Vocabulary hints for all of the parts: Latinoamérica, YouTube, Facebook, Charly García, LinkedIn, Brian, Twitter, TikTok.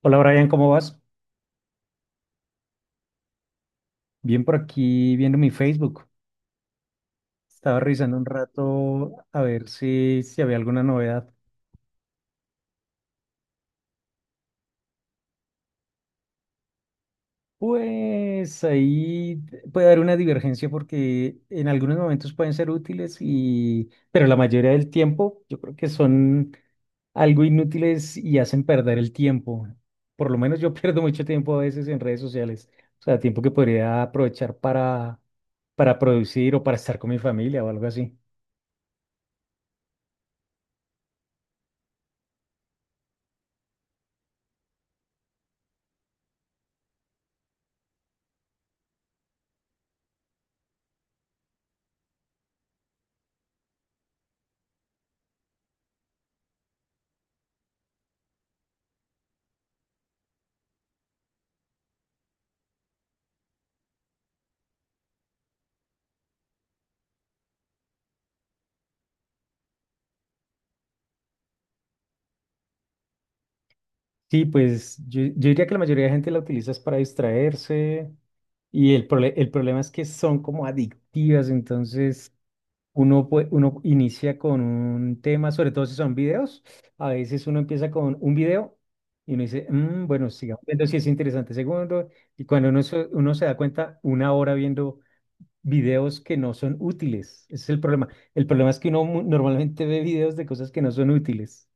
Hola Brian, ¿cómo vas? Bien por aquí viendo mi Facebook. Estaba revisando un rato a ver si había alguna novedad. Pues ahí puede haber una divergencia porque en algunos momentos pueden ser útiles y, pero la mayoría del tiempo yo creo que son algo inútiles y hacen perder el tiempo. Por lo menos yo pierdo mucho tiempo a veces en redes sociales. O sea, tiempo que podría aprovechar para producir o para estar con mi familia o algo así. Sí, pues yo diría que la mayoría de gente la utiliza es para distraerse y el problema es que son como adictivas. Entonces uno inicia con un tema, sobre todo si son videos. A veces uno empieza con un video y uno dice, "Mm, bueno, sigamos viendo si es interesante segundo", y cuando uno uno se da cuenta, una hora viendo videos que no son útiles, ese es el problema. El problema es que normalmente ve videos de cosas que no son útiles.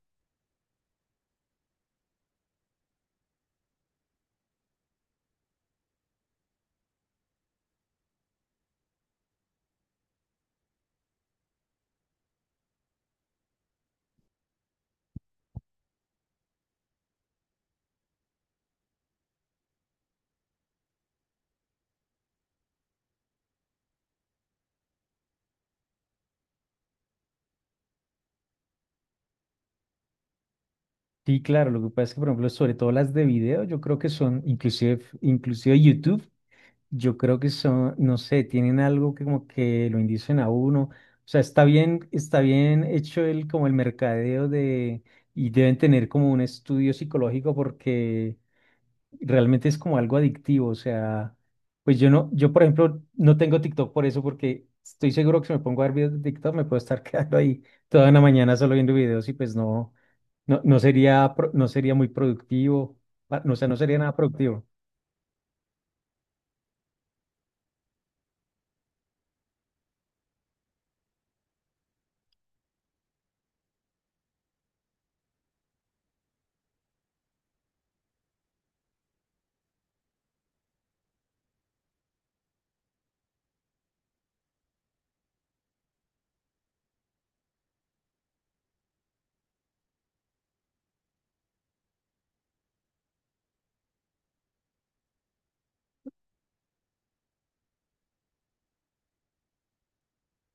Sí, claro, lo que pasa es que, por ejemplo, sobre todo las de video, yo creo que son, inclusive YouTube, yo creo que son, no sé, tienen algo que como que lo indicen a uno. O sea, está bien hecho el como el mercadeo de, y deben tener como un estudio psicológico porque realmente es como algo adictivo. O sea, pues yo por ejemplo no tengo TikTok por eso, porque estoy seguro que si me pongo a ver videos de TikTok me puedo estar quedando ahí toda una mañana solo viendo videos. Y pues no sería muy productivo. O sea, no sería nada productivo.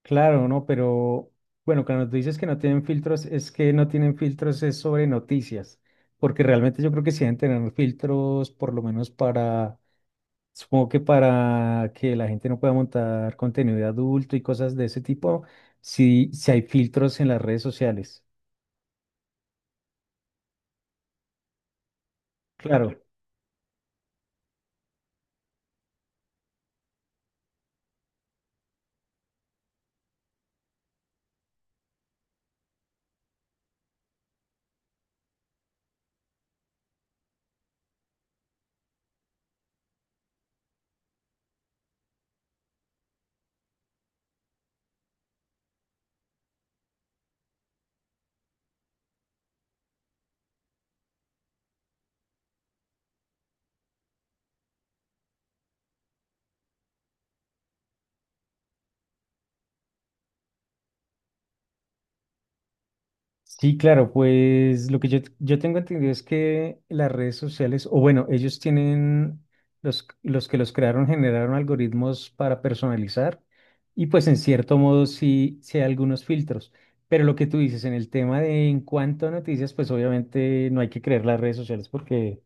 Claro, ¿no? Pero bueno, cuando tú dices que no tienen filtros, es que no tienen filtros es sobre noticias, porque realmente yo creo que sí deben tener filtros, por lo menos para, supongo que para que la gente no pueda montar contenido de adulto y cosas de ese tipo. Sí, sí hay filtros en las redes sociales. Claro. Sí, claro, pues lo que yo tengo entendido es que las redes sociales, o bueno, ellos tienen, los que los crearon generaron algoritmos para personalizar, y pues en cierto modo sí, sí hay algunos filtros, pero lo que tú dices en el tema de en cuanto a noticias, pues obviamente no hay que creer las redes sociales porque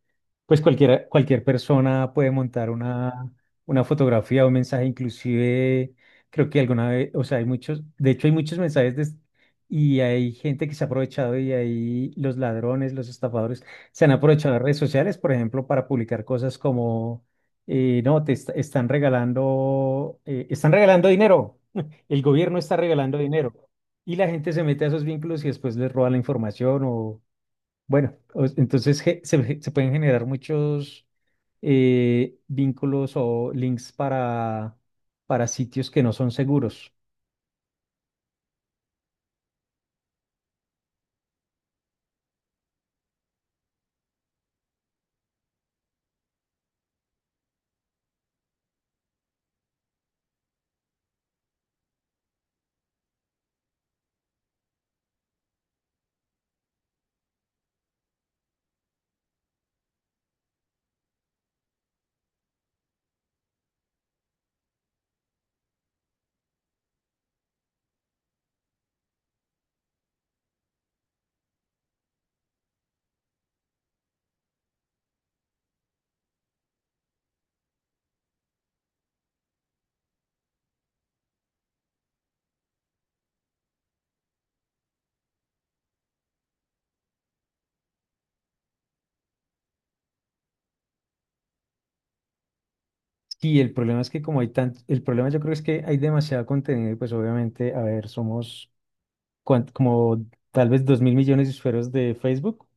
pues cualquier persona puede montar una fotografía o un mensaje. Inclusive creo que alguna vez, o sea, hay muchos, de hecho hay muchos mensajes, y hay gente que se ha aprovechado, y ahí los ladrones, los estafadores, se han aprovechado de las redes sociales, por ejemplo, para publicar cosas como, no, están regalando dinero, el gobierno está regalando dinero. Y la gente se mete a esos vínculos y después les roba la información bueno, entonces se pueden generar muchos vínculos o links para sitios que no son seguros. Sí, el problema es que como hay tanto, el problema yo creo es que hay demasiado contenido y pues obviamente, a ver, somos como tal vez 2.000 millones de usuarios de Facebook.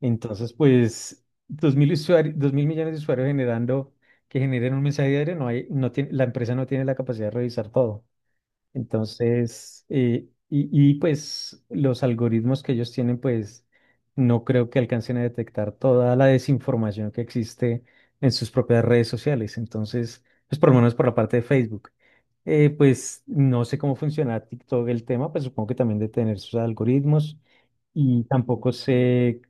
Entonces pues dos mil usuarios, 2.000 millones de usuarios generando, que generen un mensaje diario, no tiene, la empresa no tiene la capacidad de revisar todo. Entonces, pues los algoritmos que ellos tienen, pues no creo que alcancen a detectar toda la desinformación que existe en sus propias redes sociales. Entonces, pues por lo menos por la parte de Facebook. Pues no sé cómo funciona TikTok el tema, pues supongo que también de tener sus algoritmos, y tampoco sé,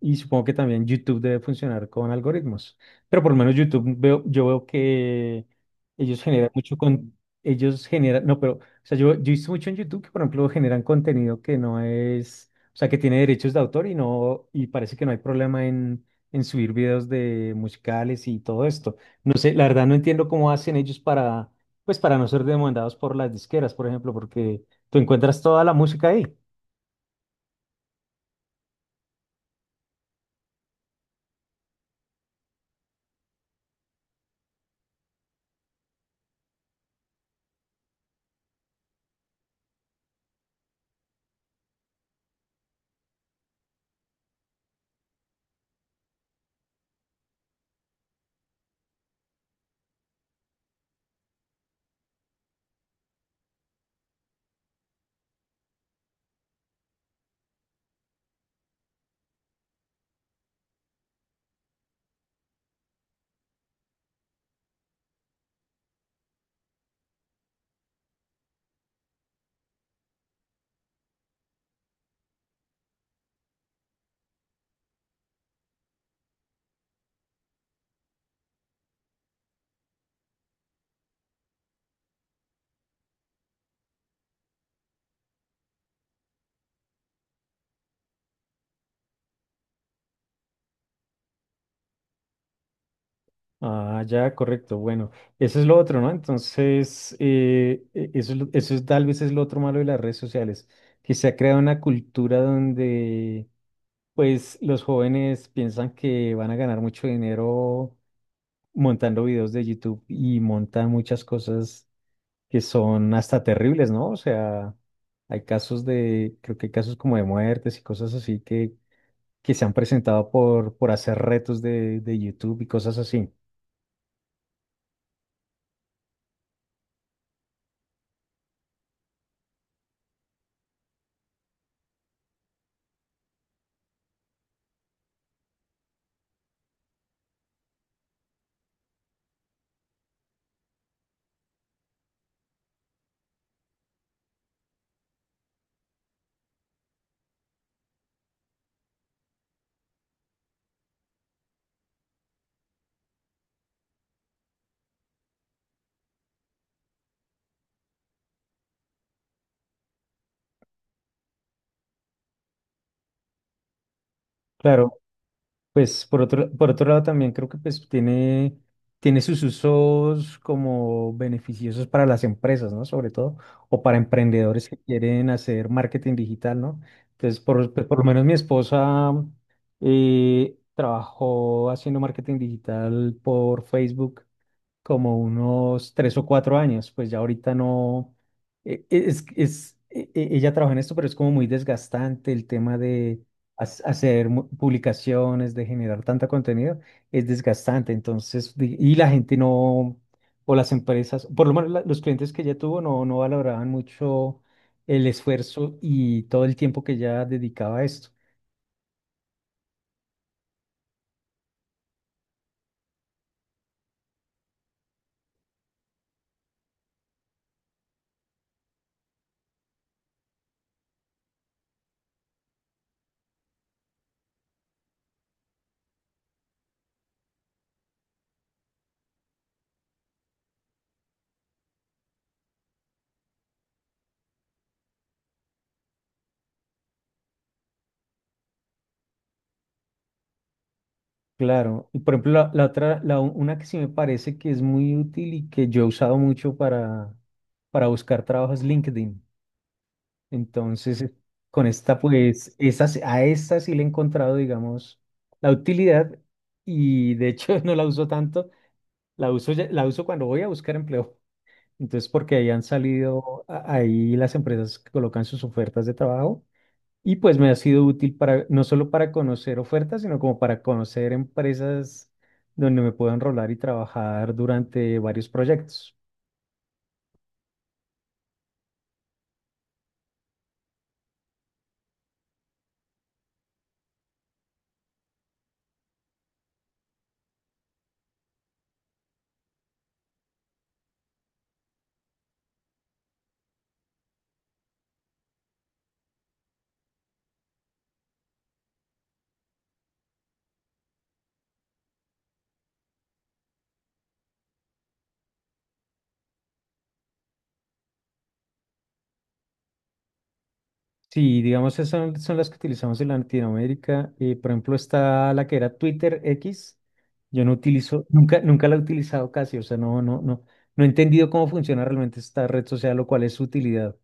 y supongo que también YouTube debe funcionar con algoritmos. Pero por lo menos YouTube veo, yo veo que ellos generan mucho con, ellos generan, no, pero, o sea, yo he visto mucho en YouTube que, por ejemplo, generan contenido que no es, o sea, que tiene derechos de autor y no, y parece que no hay problema en subir videos de musicales y todo esto. No sé, la verdad no entiendo cómo hacen ellos para, pues, para no ser demandados por las disqueras, por ejemplo, porque tú encuentras toda la música ahí. Ah, ya, correcto. Bueno, eso es lo otro, ¿no? Entonces, eso es, tal vez es lo otro malo de las redes sociales, que se ha creado una cultura donde, pues, los jóvenes piensan que van a ganar mucho dinero montando videos de YouTube y montan muchas cosas que son hasta terribles, ¿no? O sea, hay casos de, creo que hay casos como de muertes y cosas así que se han presentado por hacer retos de YouTube y cosas así. Claro. Pues por otro lado también creo que pues tiene, tiene sus usos como beneficiosos para las empresas, ¿no? Sobre todo, o para emprendedores que quieren hacer marketing digital, ¿no? Entonces, por, pues, por lo menos mi esposa trabajó haciendo marketing digital por Facebook como unos 3 o 4 años, pues ya ahorita no, ella trabaja en esto, pero es como muy desgastante el tema de hacer publicaciones, de generar tanta contenido. Es desgastante, entonces, y la gente no, o las empresas, por lo menos los clientes que ella tuvo no, no valoraban mucho el esfuerzo y todo el tiempo que ella dedicaba a esto. Claro, y por ejemplo, la otra, la, u- una que sí me parece que es muy útil y que yo he usado mucho para buscar trabajo es LinkedIn. Entonces, con esta, pues, a esta sí le he encontrado, digamos, la utilidad, y de hecho no la uso tanto, la uso, la uso cuando voy a buscar empleo. Entonces, porque ahí han salido, ahí las empresas colocan sus ofertas de trabajo, y pues me ha sido útil para, no solo para conocer ofertas, sino como para conocer empresas donde me puedo enrolar y trabajar durante varios proyectos. Sí, digamos, esas son, son las que utilizamos en Latinoamérica. Por ejemplo, está la que era Twitter X. Yo no utilizo, nunca la he utilizado casi. O sea, no he entendido cómo funciona realmente esta red social, lo cual es su utilidad.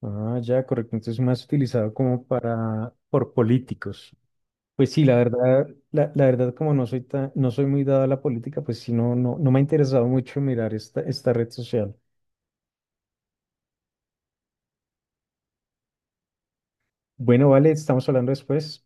Ah, ya, correcto. Entonces, más utilizado como para, por políticos. Pues sí, la verdad, la verdad, como no soy tan, no soy muy dado a la política, pues sí, no me ha interesado mucho mirar esta, esta red social. Bueno, vale, estamos hablando después.